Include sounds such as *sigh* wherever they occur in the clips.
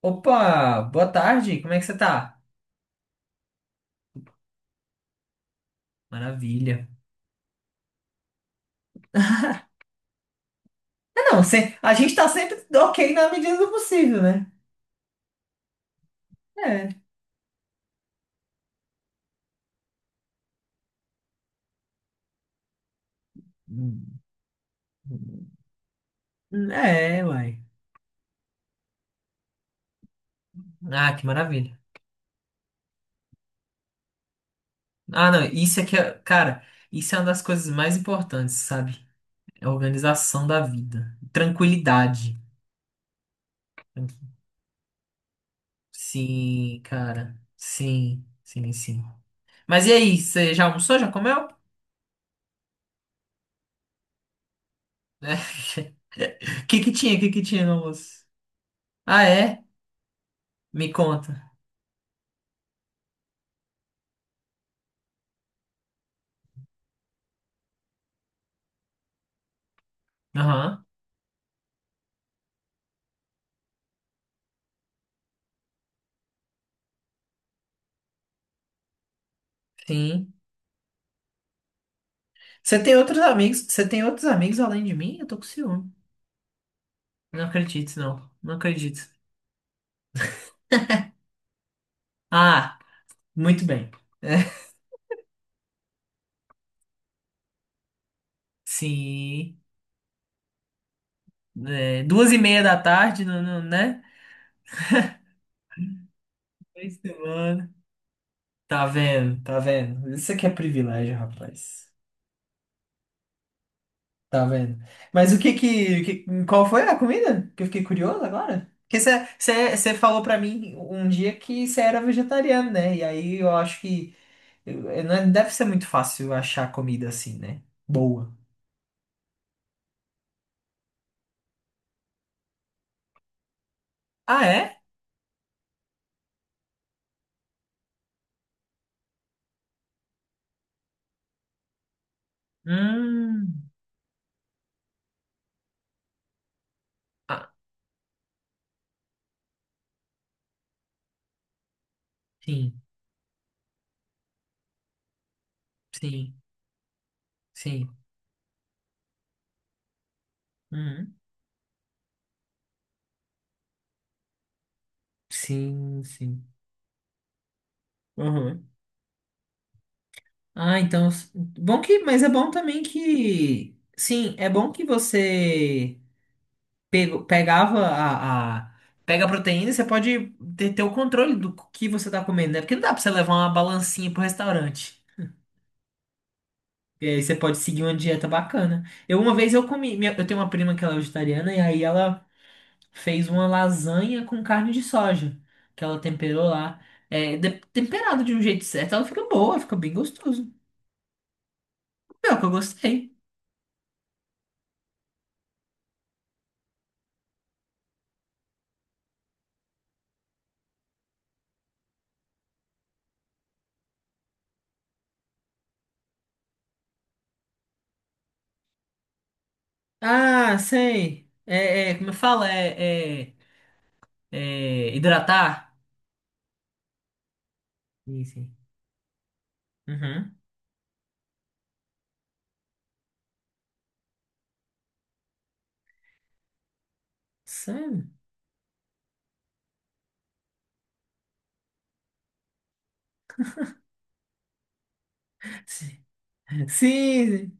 Opa, boa tarde, como é que você tá? Maravilha. É não, se- a gente tá sempre ok na medida do possível, né? É. Hum, é, uai. Ah, que maravilha. Ah, não, isso aqui é, cara, isso é uma das coisas mais importantes, sabe? É a organização da vida. Tranquilidade. Sim, cara. Sim, sim, sim. Mas e aí, você já almoçou? Já comeu? *laughs* O que que tinha? O que que tinha no almoço? Ah, é? Me conta. Aham. Sim. Você tem outros amigos? Você tem outros amigos além de mim? Eu tô com ciúme. Não acredito, não. Não acredito. Ah, muito bem. *laughs* Sim. É, duas e meia da tarde, não, não, né? Três da manhã. Tá vendo, tá vendo. Isso aqui é privilégio, rapaz. Tá vendo? Mas o que que- qual foi a comida? Que eu fiquei curioso agora. Porque você falou pra mim um dia que você era vegetariano, né? E aí eu acho que não é- deve ser muito fácil achar comida assim, né? Boa. Ah, é? Hum. Ah, sim, sim, sim. Uhum. Sim, sim. Uhum. Ah, então, bom que, mas é bom também que, sim, é bom que você pego, pegava pega a proteína e você pode ter, ter o controle do que você tá comendo, né? Porque não dá pra você levar uma balancinha pro restaurante. E aí você pode seguir uma dieta bacana. Eu, uma vez eu comi, minha- eu tenho uma prima que ela é vegetariana e aí ela fez uma lasanha com carne de soja, que ela temperou lá. É, de- temperado de um jeito certo, ela fica boa, fica bem gostoso. Pior que eu gostei. Ah, sei. É, é, como eu falo, é hidratar? Sim, sim. Uhum. Sério? Sim, sim.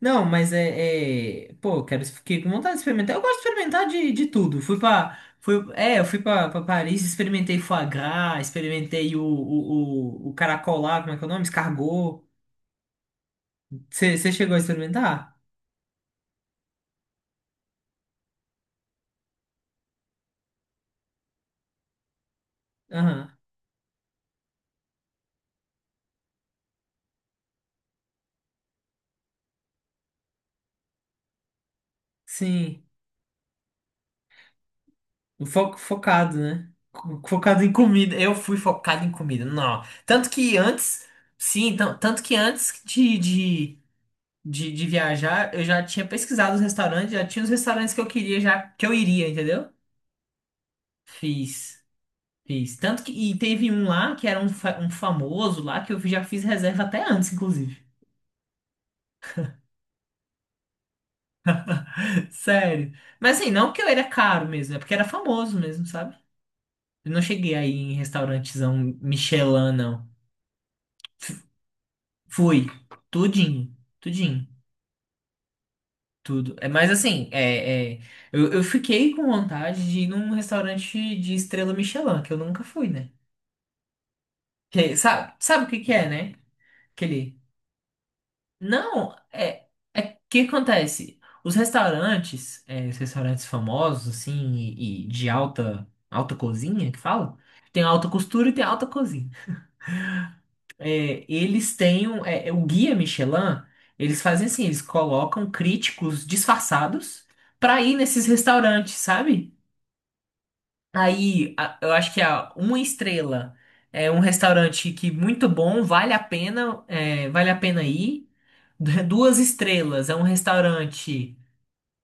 Não, mas Pô, eu quero. Fiquei com vontade de experimentar. Eu gosto de experimentar de tudo. Fui pra. Fui, é, eu fui pra, pra Paris, experimentei foie gras, experimentei o caracol lá, como é que é o nome? Escargot. Você chegou a experimentar? Aham. Sim. O fo- focado, né? Co- Focado em comida. Eu fui focado em comida. Não. Tanto que antes. Sim, então tanto que antes de viajar, eu já tinha pesquisado os restaurantes, já tinha os restaurantes que eu queria, já que eu iria, entendeu? Fiz, fiz. Tanto que. E teve um lá que era um, fa- um famoso lá que eu já fiz reserva até antes, inclusive. *laughs* Sério. Mas assim, não porque eu era caro mesmo, é porque era famoso mesmo, sabe? Eu não cheguei aí em restaurantezão Michelin, não. Fui. Tudinho. Tudinho. Tudo. É, mas assim, eu fiquei com vontade de ir num restaurante de estrela Michelin, que eu nunca fui, né? Que, é, sabe, sabe o que que é, né? Aquele Não, é, é que acontece? Os restaurantes, é, os restaurantes famosos, assim, e de alta cozinha, que fala? Tem alta costura e tem alta cozinha. É, eles têm, um- é, é, o guia Michelin, eles fazem assim, eles colocam críticos disfarçados pra ir nesses restaurantes, sabe? Aí, a- eu acho que a uma estrela é um restaurante que muito bom, vale a pena, é, vale a pena ir duas estrelas, é um restaurante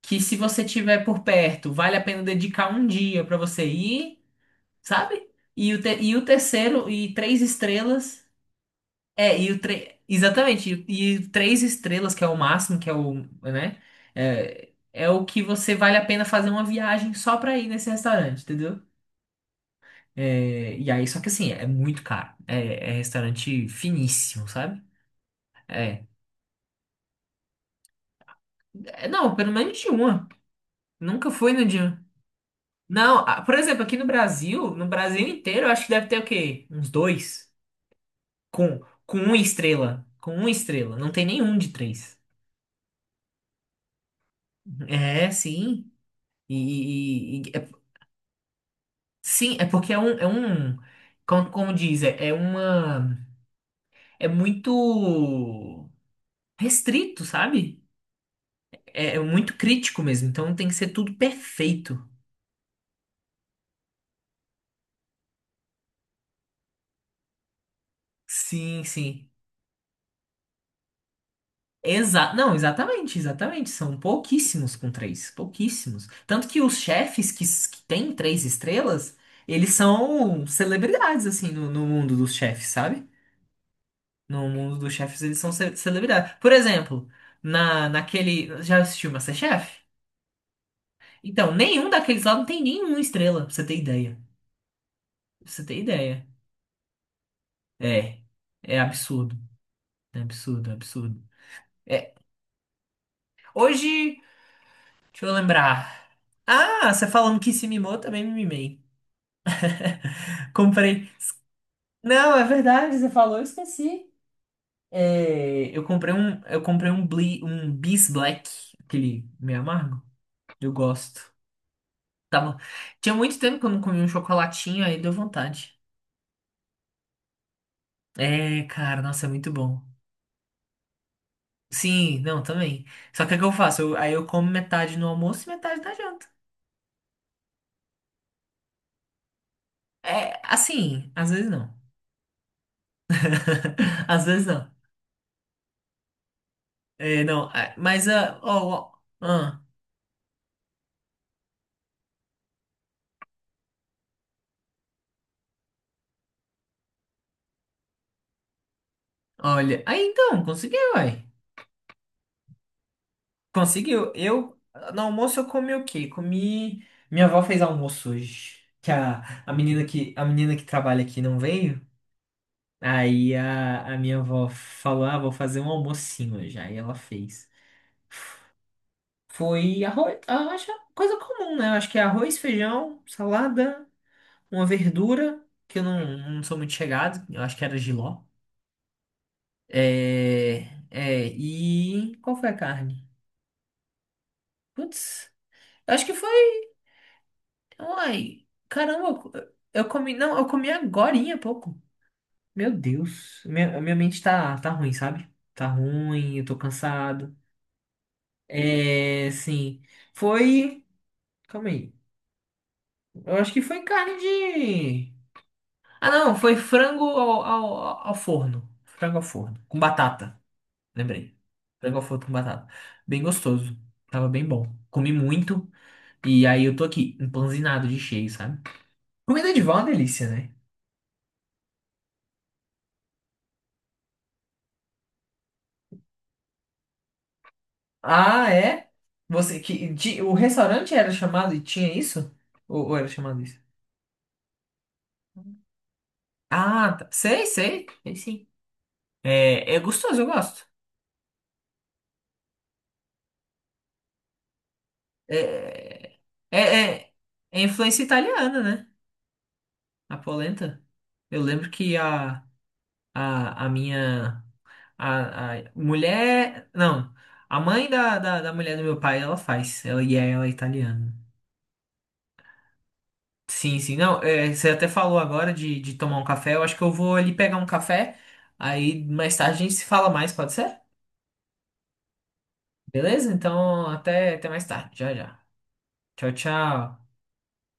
que se você tiver por perto, vale a pena dedicar um dia para você ir, sabe? E o, te- e o terceiro, e três estrelas, é, e o tre- exatamente, e três estrelas, que é o máximo, que é o, né? É, é o que você vale a pena fazer uma viagem só para ir nesse restaurante, entendeu? É, e aí, só que assim, é muito caro. É, é restaurante finíssimo, sabe? É, é, não, pelo menos de uma. Nunca fui no dia. Não, ah, por exemplo, aqui no Brasil, no Brasil inteiro, eu acho que deve ter o quê? Uns dois. Com, com uma estrela. Com uma estrela. Não tem nenhum de três. É, sim. E, e- é- sim, é porque é um, como, como diz, é, é uma, é muito restrito, sabe? É, é muito crítico mesmo. Então tem que ser tudo perfeito. Sim, sim. Exa não, exatamente, exatamente. São pouquíssimos com três, pouquíssimos. Tanto que os chefes que, s- que têm três estrelas, eles são celebridades, assim, no mundo dos chefes, sabe? No mundo dos chefes, eles são ce- celebridades. Por exemplo, naquele. Já assistiu MasterChef? Então, nenhum daqueles lá não tem nenhuma estrela, pra você ter ideia. Pra você ter ideia. É. É absurdo. É absurdo, é absurdo. É. Hoje, deixa eu lembrar. Ah, você falando que se mimou, também me mimei. Comprei. Não, é verdade, você falou, eu esqueci. É, eu comprei um Bli, um Bis Black, aquele meio amargo. Eu gosto. Tava, tinha muito tempo que eu não comia um chocolatinho, aí deu vontade. É, cara, nossa, é muito bom. Sim, não, também. Só que o que eu faço? Eu- aí eu como metade no almoço e metade na janta. É, assim, às vezes não. *laughs* Às vezes não. É, não, ah, mas, ah, ó, ó, ah, olha. Aí então, conseguiu, uai. Conseguiu. Eu, no almoço, eu comi o quê? Comi. Minha avó fez almoço hoje. Que a menina que, a menina que trabalha aqui não veio. Aí a minha avó falou: Ah, vou fazer um almocinho hoje. Aí ela fez. Foi arroz. Ah, acho que é coisa comum, né? Eu acho que é arroz, feijão, salada, uma verdura, que eu não, não sou muito chegado. Eu acho que era jiló. É, é, e qual foi a carne? Putz. Eu acho que foi. Uai, caramba, eu comi, não, eu comi agorinha há pouco. Meu Deus, minha mente tá, tá ruim, sabe? Tá ruim, eu tô cansado. É, sim, foi, calma aí, eu acho que foi carne de... Ah, não, foi frango ao forno, frango ao forno, com batata, lembrei. Frango ao forno com batata, bem gostoso, tava bem bom. Comi muito e aí eu tô aqui, empanzinado de cheio, sabe? Comida de vó é uma delícia, né? Ah, é? Você que de- o restaurante era chamado e tinha isso? Ou era chamado isso? Ah, tá. Sei, sei. Sei sim. É, é gostoso, eu gosto. É, é, é, é influência italiana, né? A polenta. Eu lembro que a, a minha a mulher, não, a mãe da mulher do meu pai, ela faz. Ela e ela é italiana. Sim, sim. Não, é, você até falou agora de tomar um café. Eu acho que eu vou ali pegar um café. Aí mais tarde a gente se fala mais, pode ser? Beleza? Então, até, até mais tarde. Já, já. Tchau, tchau.